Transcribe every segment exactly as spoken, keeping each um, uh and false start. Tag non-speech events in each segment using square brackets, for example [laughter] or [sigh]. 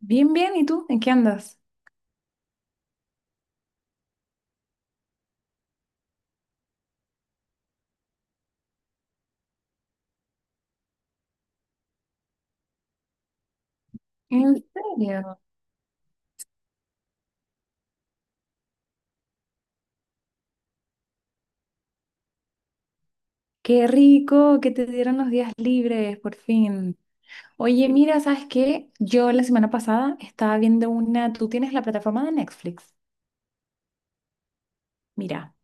Bien, bien, ¿y tú? ¿En qué andas? ¿En serio? Qué rico que te dieron los días libres, por fin. Oye, mira, ¿sabes qué? Yo la semana pasada estaba viendo una, tú tienes la plataforma de Netflix. Mira,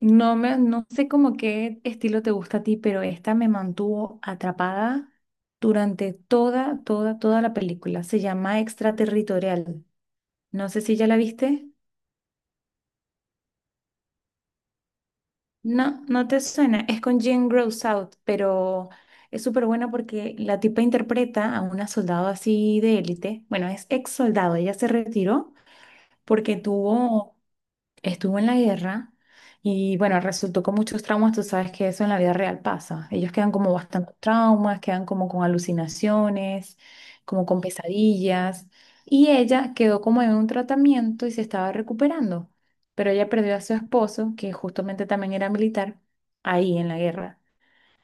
no me, no sé cómo qué estilo te gusta a ti, pero esta me mantuvo atrapada durante toda, toda, toda la película. Se llama Extraterritorial. No sé si ya la viste. No, no te suena. Es con Jane Grows Out, pero es súper buena porque la tipa interpreta a una soldado así de élite. Bueno, es ex soldado. Ella se retiró porque tuvo estuvo en la guerra y bueno, resultó con muchos traumas, tú sabes que eso en la vida real pasa. Ellos quedan como bastante traumas, quedan como con alucinaciones, como con pesadillas y ella quedó como en un tratamiento y se estaba recuperando, pero ella perdió a su esposo, que justamente también era militar, ahí en la guerra.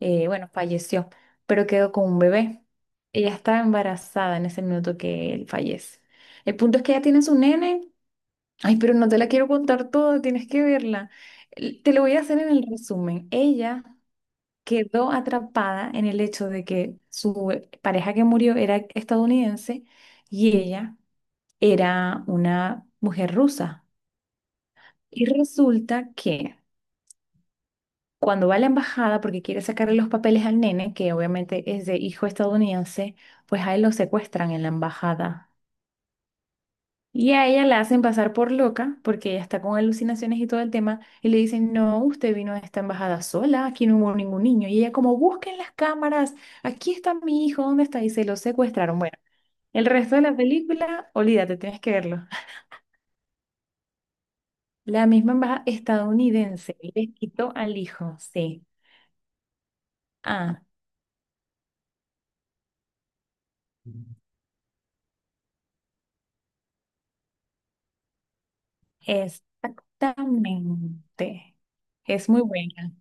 Eh, bueno, falleció, pero quedó con un bebé. Ella estaba embarazada en ese minuto que él fallece. El punto es que ella tiene su nene. Ay, pero no te la quiero contar toda, tienes que verla. L- Te lo voy a hacer en el resumen. Ella quedó atrapada en el hecho de que su eh, pareja que murió era estadounidense y ella era una mujer rusa. Y resulta que cuando va a la embajada porque quiere sacarle los papeles al nene, que obviamente es de hijo estadounidense, pues a él lo secuestran en la embajada. Y a ella la hacen pasar por loca, porque ella está con alucinaciones y todo el tema, y le dicen, no, usted vino a esta embajada sola, aquí no hubo ningún niño. Y ella como, busquen las cámaras, aquí está mi hijo, ¿dónde está? Y se lo secuestraron. Bueno, el resto de la película, olvídate, tienes que verlo. La misma embajada estadounidense les quitó al hijo, sí. Ah, exactamente. Es muy buena.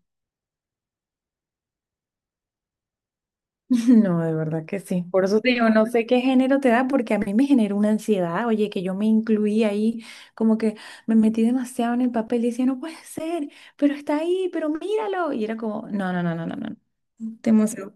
[laughs] No, de verdad que sí. Por eso te digo, no sé qué género te da, porque a mí me genera una ansiedad. Oye, que yo me incluí ahí, como que me metí demasiado en el papel y decía, no puede ser, pero está ahí, pero míralo. Y era como, no, no, no, no, no, no. Te emocionó.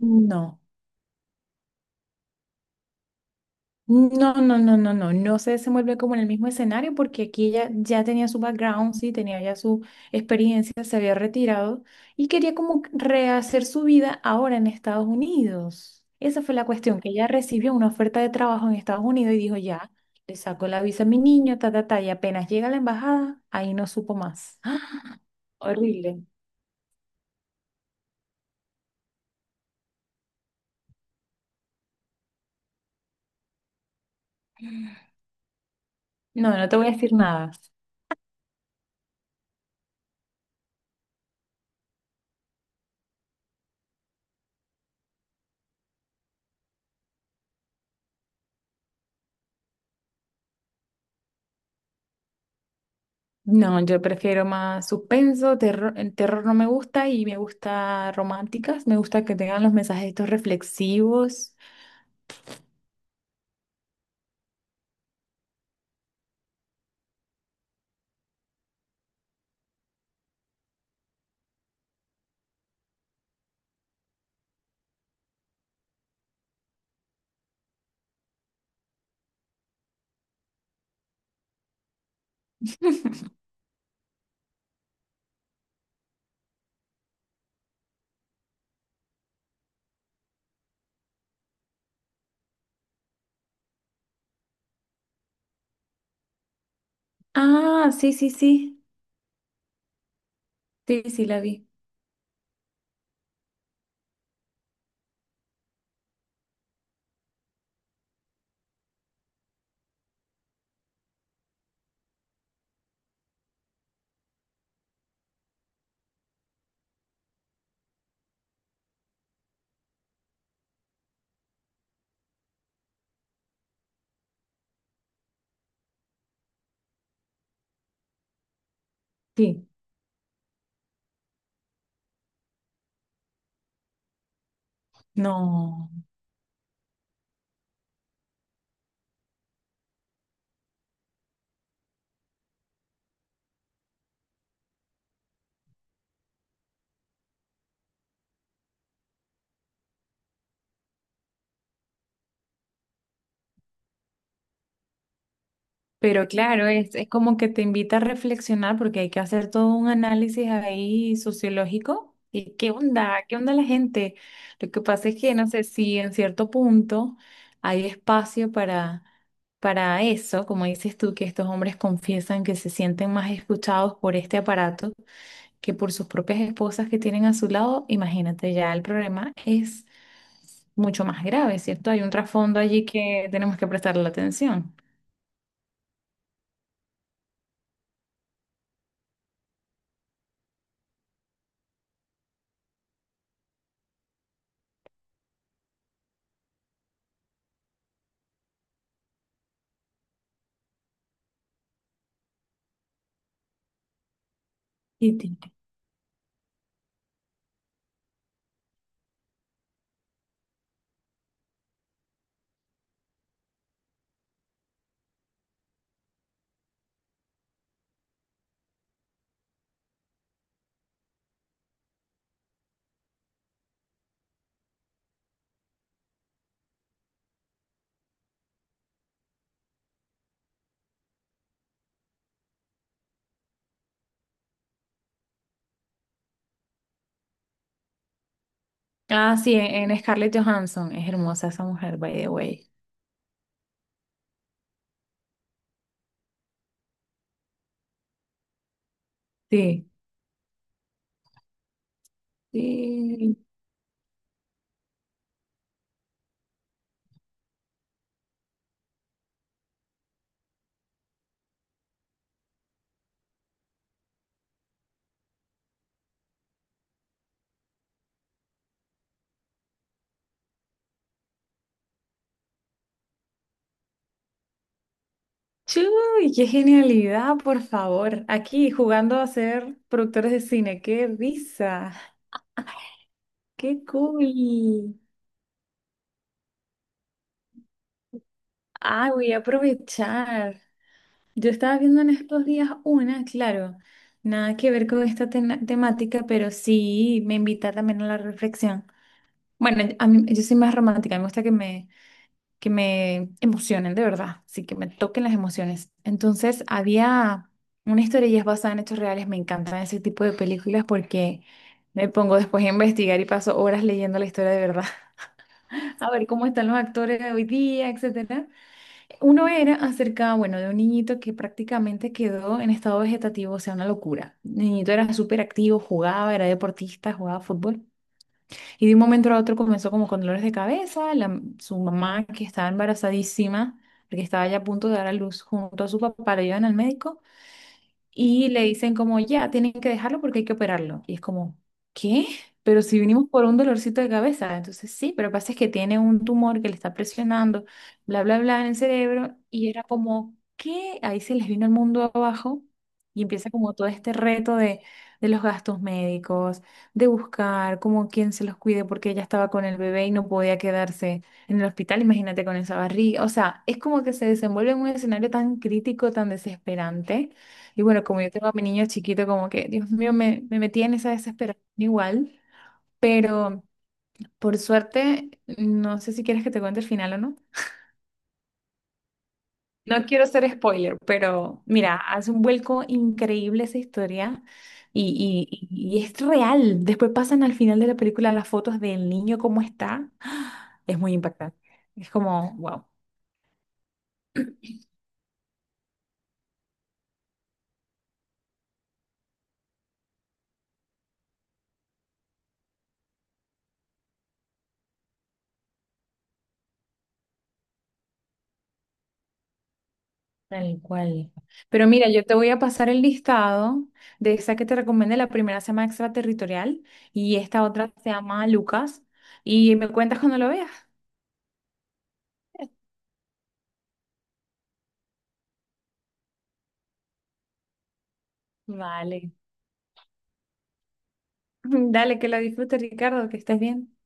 No. No, no, no, no, no, no se desenvuelve como en el mismo escenario porque aquí ella ya tenía su background, sí, tenía ya su experiencia, se había retirado y quería como rehacer su vida ahora en Estados Unidos. Esa fue la cuestión, que ella recibió una oferta de trabajo en Estados Unidos y dijo, ya, le saco la visa a mi niño, ta, ta, ta, y apenas llega a la embajada, ahí no supo más. [gasps] ¡Ah! Horrible. No, no te voy a decir nada. No, yo prefiero más suspenso, terror, el terror no me gusta y me gusta románticas, me gusta que tengan los mensajes estos reflexivos. Ah, sí, sí, sí, sí, sí, la vi. Sí, no. Pero claro, es, es como que te invita a reflexionar porque hay que hacer todo un análisis ahí sociológico. ¿Y qué onda? ¿Qué onda la gente? Lo que pasa es que, no sé, si en cierto punto hay espacio para, para eso, como dices tú, que estos hombres confiesan que se sienten más escuchados por este aparato que por sus propias esposas que tienen a su lado, imagínate, ya el problema es mucho más grave, ¿cierto? Hay un trasfondo allí que tenemos que prestarle atención. Y ti- Ah, sí, en, en Scarlett Johansson. Es hermosa esa mujer, by the way. Sí. Sí. Chuy, qué genialidad, por favor. Aquí jugando a ser productores de cine. ¡Qué risa! ¡Qué cool! Ah, voy a aprovechar. Yo estaba viendo en estos días una, claro, nada que ver con esta tena- temática, pero sí me invita también a la reflexión. Bueno, a mí- yo soy más romántica, me gusta que me, que me emocionen de verdad, sí, que me toquen las emociones. Entonces, había una historia y es basada en hechos reales, me encantan ese tipo de películas porque me pongo después a investigar y paso horas leyendo la historia de verdad, [laughs] a ver cómo están los actores de hoy día, etcétera. Uno era acerca, bueno, de un niñito que prácticamente quedó en estado vegetativo, o sea, una locura. El niñito era súper activo, jugaba, era deportista, jugaba fútbol. Y de un momento a otro comenzó como con dolores de cabeza, la- su mamá que estaba embarazadísima, porque estaba ya a punto de dar a luz junto a su papá, le llevan al médico y le dicen como, ya, tienen que dejarlo porque hay que operarlo. Y es como, ¿qué? Pero si vinimos por un dolorcito de cabeza, entonces sí, pero pasa es que tiene un tumor que le está presionando, bla, bla, bla, en el cerebro, y era como, ¿qué? Ahí se les vino el mundo abajo y empieza como todo este reto de, de los gastos médicos, de buscar como quién se los cuide porque ella estaba con el bebé y no podía quedarse en el hospital, imagínate con esa barriga, o sea, es como que se desenvuelve en un escenario tan crítico, tan desesperante y bueno, como yo tengo a mi niño chiquito, como que, Dios mío, me, me metí en esa desesperación igual, pero por suerte, no sé si quieres que te cuente el final o no. No quiero ser spoiler, pero mira, hace un vuelco increíble esa historia y, y, y y es real. Después pasan al final de la película las fotos del niño, cómo está. ¡Ah! Es muy impactante. Es como, wow. Tal cual. Pero mira, yo te voy a pasar el listado de esa que te recomendé. La primera se llama Extraterritorial y esta otra se llama Lucas. Y me cuentas cuando lo veas. Vale. [laughs] Dale, que la disfrutes, Ricardo, que estés bien.